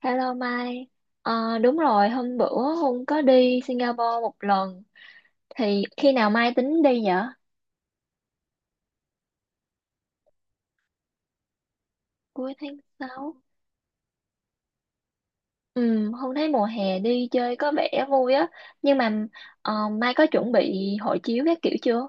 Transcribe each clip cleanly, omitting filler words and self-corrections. Hello Mai. Đúng rồi, hôm bữa Hùng có đi Singapore một lần. Thì khi nào Mai tính đi vậy? Cuối tháng 6. Ừ, Hùng thấy mùa hè đi chơi có vẻ vui á, nhưng mà ờ, Mai có chuẩn bị hộ chiếu các kiểu chưa?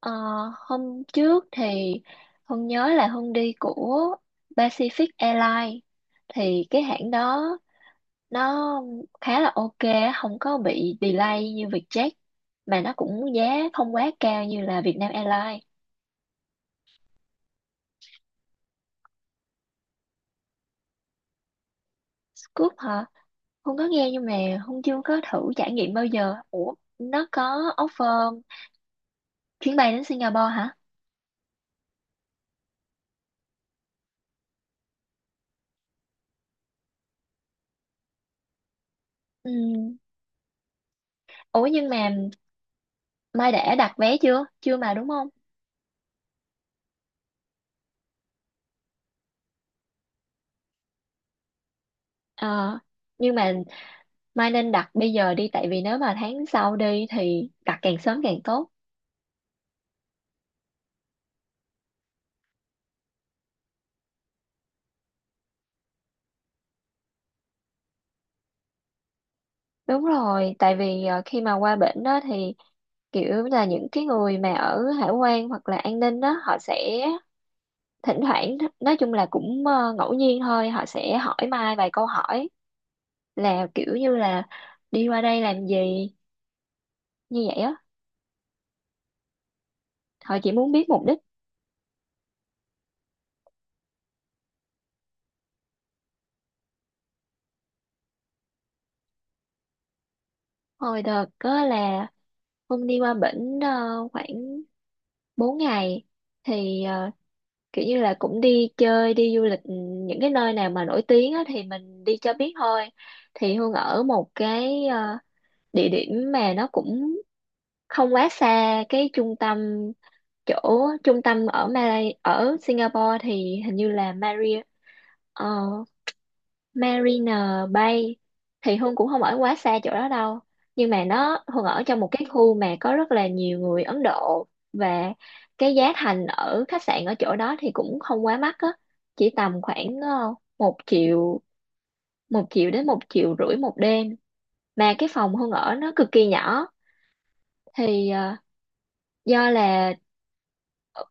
Ờ, Hôm trước thì Hùng nhớ là Hùng đi của Pacific Airlines, thì cái hãng đó nó khá là ok, không có bị delay như Vietjet, mà nó cũng giá không quá cao như là Vietnam Airlines. Scoop hả? Hương có nghe nhưng mà Hương chưa có thử trải nghiệm bao giờ. Ủa, nó có offer chuyến bay đến Singapore hả? Ừ. Ủa nhưng mà Mai đã đặt vé chưa? Chưa mà đúng không? Ờ, nhưng mà Mai nên đặt bây giờ đi, tại vì nếu mà tháng sau đi thì đặt càng sớm càng tốt. Đúng rồi, tại vì khi mà qua bển đó thì kiểu là những cái người mà ở hải quan hoặc là an ninh đó họ sẽ thỉnh thoảng, nói chung là cũng ngẫu nhiên thôi, họ sẽ hỏi Mai vài câu hỏi là kiểu như là đi qua đây làm gì, như vậy á, họ chỉ muốn biết mục đích. Hồi đợt có là Hưng đi qua bển khoảng 4 ngày, thì kiểu như là cũng đi chơi đi du lịch, những cái nơi nào mà nổi tiếng á thì mình đi cho biết thôi. Thì Hương ở một cái địa điểm mà nó cũng không quá xa cái trung tâm. Chỗ trung tâm ở Malay ở Singapore thì hình như là Marina Bay. Thì Hương cũng không ở quá xa chỗ đó đâu, nhưng mà nó Hương ở trong một cái khu mà có rất là nhiều người Ấn Độ. Và cái giá thành ở khách sạn ở chỗ đó thì cũng không quá mắc á, chỉ tầm khoảng một triệu đến một triệu rưỡi một đêm. Mà cái phòng Hương ở nó cực kỳ nhỏ thì do là ờ,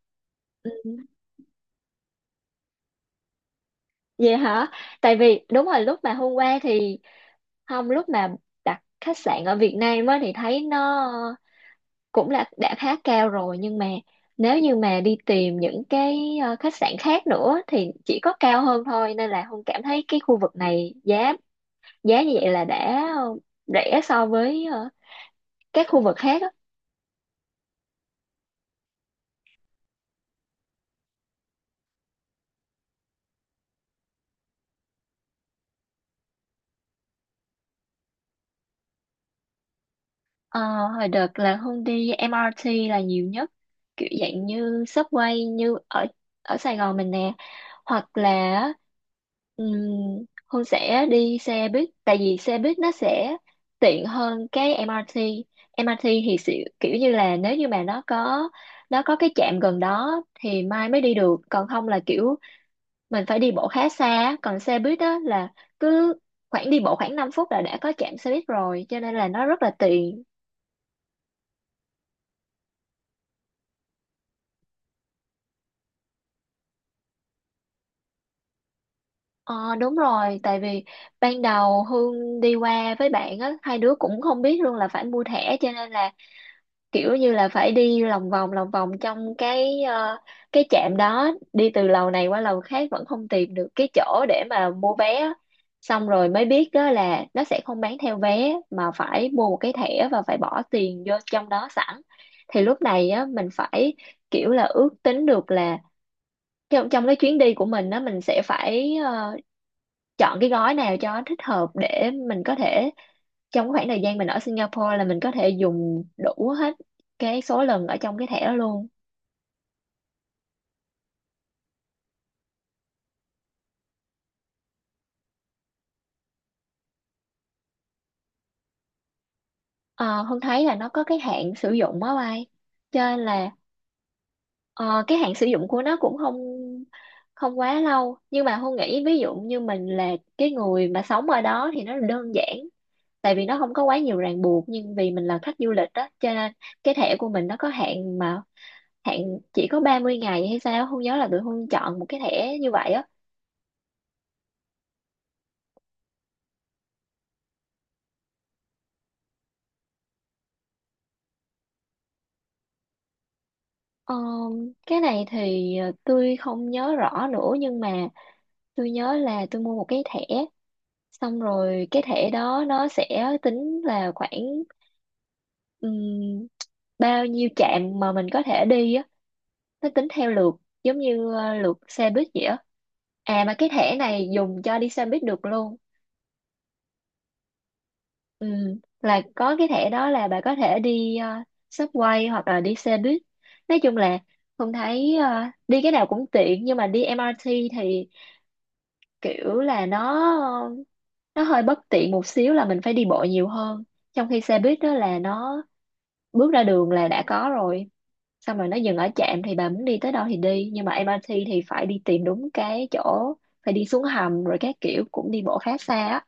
ừ. Vậy hả? Tại vì đúng rồi, lúc mà hôm qua thì không, lúc mà đặt khách sạn ở Việt Nam á thì thấy nó cũng là đã khá cao rồi, nhưng mà nếu như mà đi tìm những cái khách sạn khác nữa thì chỉ có cao hơn thôi, nên là Hương cảm thấy cái khu vực này giá giá như vậy là đã rẻ so với các khu vực khác á. Ờ, Hồi đợt là Hương đi MRT là nhiều nhất, kiểu dạng như subway như ở ở Sài Gòn mình nè, hoặc là um, Hương sẽ đi xe buýt, tại vì xe buýt nó sẽ tiện hơn cái MRT. MRT thì sẽ, kiểu như là nếu như mà nó có cái trạm gần đó thì mai mới đi được, còn không là kiểu mình phải đi bộ khá xa, còn xe buýt đó là cứ khoảng đi bộ khoảng 5 phút là đã có trạm xe buýt rồi cho nên là nó rất là tiện. Ờ đúng rồi, tại vì ban đầu Hương đi qua với bạn á, hai đứa cũng không biết luôn là phải mua thẻ cho nên là kiểu như là phải đi lòng vòng trong cái cái trạm đó, đi từ lầu này qua lầu khác vẫn không tìm được cái chỗ để mà mua vé á. Xong rồi mới biết đó là nó sẽ không bán theo vé mà phải mua một cái thẻ và phải bỏ tiền vô trong đó sẵn. Thì lúc này á mình phải kiểu là ước tính được là trong trong cái chuyến đi của mình á, mình sẽ phải chọn cái gói nào cho thích hợp để mình có thể trong khoảng thời gian mình ở Singapore là mình có thể dùng đủ hết cái số lần ở trong cái thẻ đó luôn. Ờ, Hương thấy là nó có cái hạn sử dụng á bay cho nên là ờ, cái hạn sử dụng của nó cũng không không quá lâu, nhưng mà Hương nghĩ ví dụ như mình là cái người mà sống ở đó thì nó đơn giản tại vì nó không có quá nhiều ràng buộc, nhưng vì mình là khách du lịch đó cho nên cái thẻ của mình nó có hạn, mà hạn chỉ có 30 ngày hay sao không nhớ, là tụi Hương chọn một cái thẻ như vậy á. Ờ, cái này thì tôi không nhớ rõ nữa, nhưng mà tôi nhớ là tôi mua một cái thẻ, xong rồi cái thẻ đó nó sẽ tính là khoảng ừm, bao nhiêu trạm mà mình có thể đi á, nó tính theo lượt giống như lượt xe buýt vậy á. À mà cái thẻ này dùng cho đi xe buýt được luôn. Ừ, là có cái thẻ đó là bà có thể đi subway hoặc là đi xe buýt. Nói chung là Hùng thấy đi cái nào cũng tiện, nhưng mà đi MRT thì kiểu là nó hơi bất tiện một xíu là mình phải đi bộ nhiều hơn. Trong khi xe buýt đó là nó bước ra đường là đã có rồi. Xong rồi nó dừng ở trạm thì bà muốn đi tới đâu thì đi. Nhưng mà MRT thì phải đi tìm đúng cái chỗ, phải đi xuống hầm rồi các kiểu cũng đi bộ khá xa á.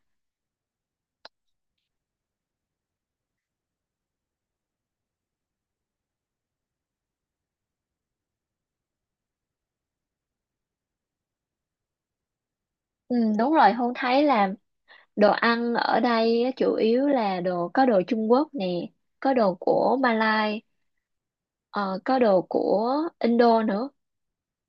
Ừ, đúng rồi, hôn thấy là đồ ăn ở đây á, chủ yếu là đồ, có đồ Trung Quốc nè, có đồ của Malai, ờ, có đồ của Indo nữa,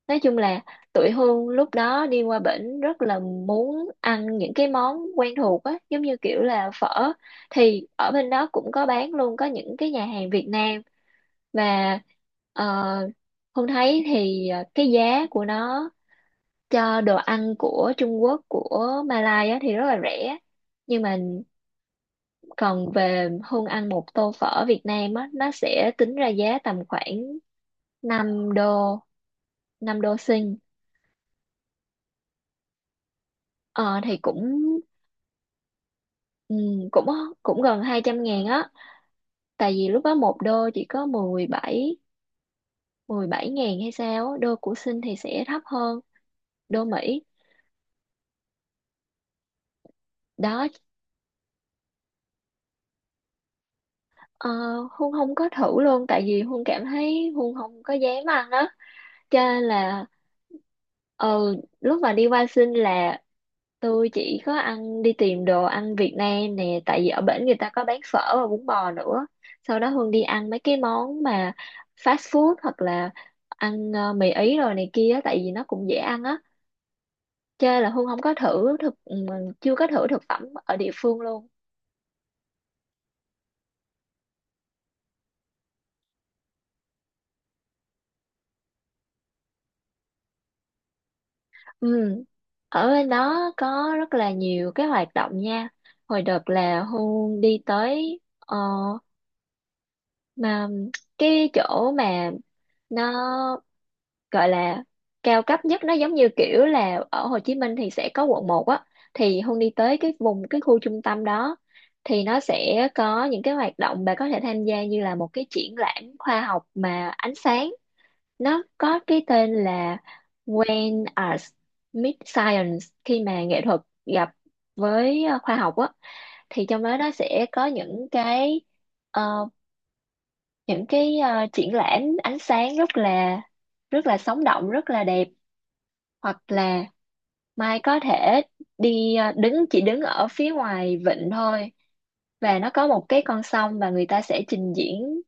nói chung là tụi Hương lúc đó đi qua bển rất là muốn ăn những cái món quen thuộc á, giống như kiểu là phở, thì ở bên đó cũng có bán luôn, có những cái nhà hàng Việt Nam. Và ờ, Hương thấy thì cái giá của nó cho đồ ăn của Trung Quốc của Malai á thì rất là rẻ, nhưng mà còn về Hương ăn một tô phở Việt Nam á nó sẽ tính ra giá tầm khoảng 5 đô, 5 đô Sinh. Ờ thì cũng ừ, cũng cũng gần 200.000 á, tại vì lúc đó một đô chỉ có 17.000 hay sao á, đô của Sinh thì sẽ thấp hơn đô Mỹ. Đó ờ, Hương không có thử luôn tại vì Hương cảm thấy Hương không có dám ăn á, cho nên là ừ lúc mà đi qua sinh là tôi chỉ có ăn, đi tìm đồ ăn Việt Nam nè, tại vì ở bển người ta có bán phở và bún bò nữa, sau đó Hương đi ăn mấy cái món mà fast food hoặc là ăn mì Ý rồi này kia á, tại vì nó cũng dễ ăn á, chơi là Hương không có thử thực, chưa có thử thực phẩm ở địa phương luôn. Ừ. Ở bên đó có rất là nhiều cái hoạt động nha, hồi đợt là Hương đi tới mà cái chỗ mà nó gọi là cao cấp nhất, nó giống như kiểu là ở Hồ Chí Minh thì sẽ có quận một á, thì Hương đi tới cái vùng cái khu trung tâm đó thì nó sẽ có những cái hoạt động bà có thể tham gia như là một cái triển lãm khoa học mà ánh sáng, nó có cái tên là When Arts Meet Science, khi mà nghệ thuật gặp với khoa học á. Thì trong đó nó sẽ có những cái ờ, triển lãm ánh sáng rất là sống động rất là đẹp. Hoặc là Mai có thể đi đứng, chỉ đứng ở phía ngoài vịnh thôi, và nó có một cái con sông và người ta sẽ trình diễn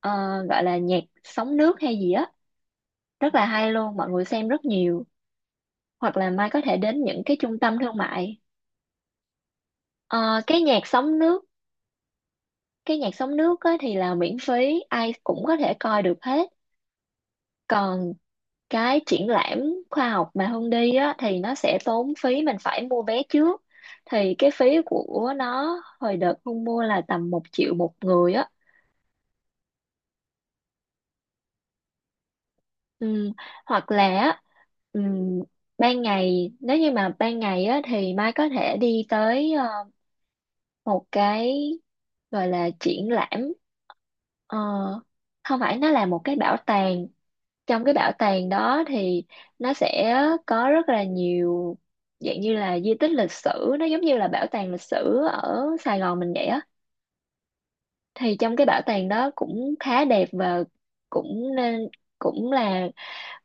ờ, gọi là nhạc sóng nước hay gì á, rất là hay luôn, mọi người xem rất nhiều. Hoặc là Mai có thể đến những cái trung tâm thương mại. Ờ, cái nhạc sóng nước cái nhạc sóng nước á thì là miễn phí, ai cũng có thể coi được hết. Còn cái triển lãm khoa học mà Hương đi á thì nó sẽ tốn phí, mình phải mua vé trước. Thì cái phí của nó hồi đợt Hương mua là tầm một triệu một người á. Ừ. Hoặc là á, ừm, ban ngày nếu như mà ban ngày á thì Mai có thể đi tới một cái gọi là triển lãm. Ờ, Không phải, nó là một cái bảo tàng. Trong cái bảo tàng đó thì nó sẽ có rất là nhiều dạng như là di tích lịch sử, nó giống như là bảo tàng lịch sử ở Sài Gòn mình vậy á, thì trong cái bảo tàng đó cũng khá đẹp và cũng nên cũng là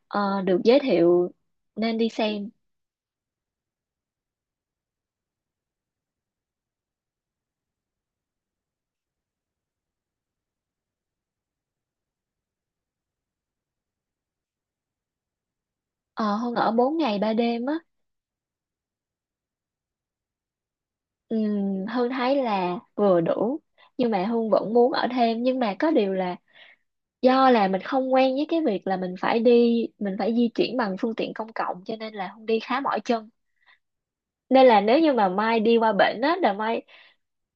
được giới thiệu, nên đi xem. Ờ, Hương ở 4 ngày 3 đêm á, Hương thấy là vừa đủ, nhưng mà Hương vẫn muốn ở thêm, nhưng mà có điều là do là mình không quen với cái việc là mình phải di chuyển bằng phương tiện công cộng, cho nên là Hương đi khá mỏi chân, nên là nếu như mà Mai đi qua bển á là Mai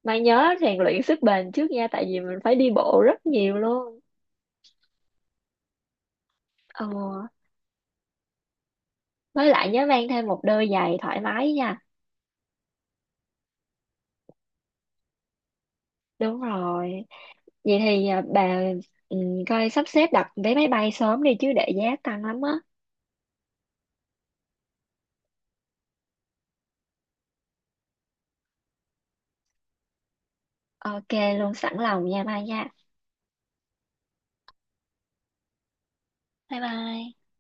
Mai nhớ rèn luyện sức bền trước nha, tại vì mình phải đi bộ rất nhiều luôn, ờ, với lại nhớ mang thêm một đôi giày thoải mái nha, đúng rồi vậy thì bà ừ, coi sắp xếp đặt vé máy bay sớm đi chứ để giá tăng lắm á. Ok, luôn sẵn lòng nha Mai nha. Bye bye.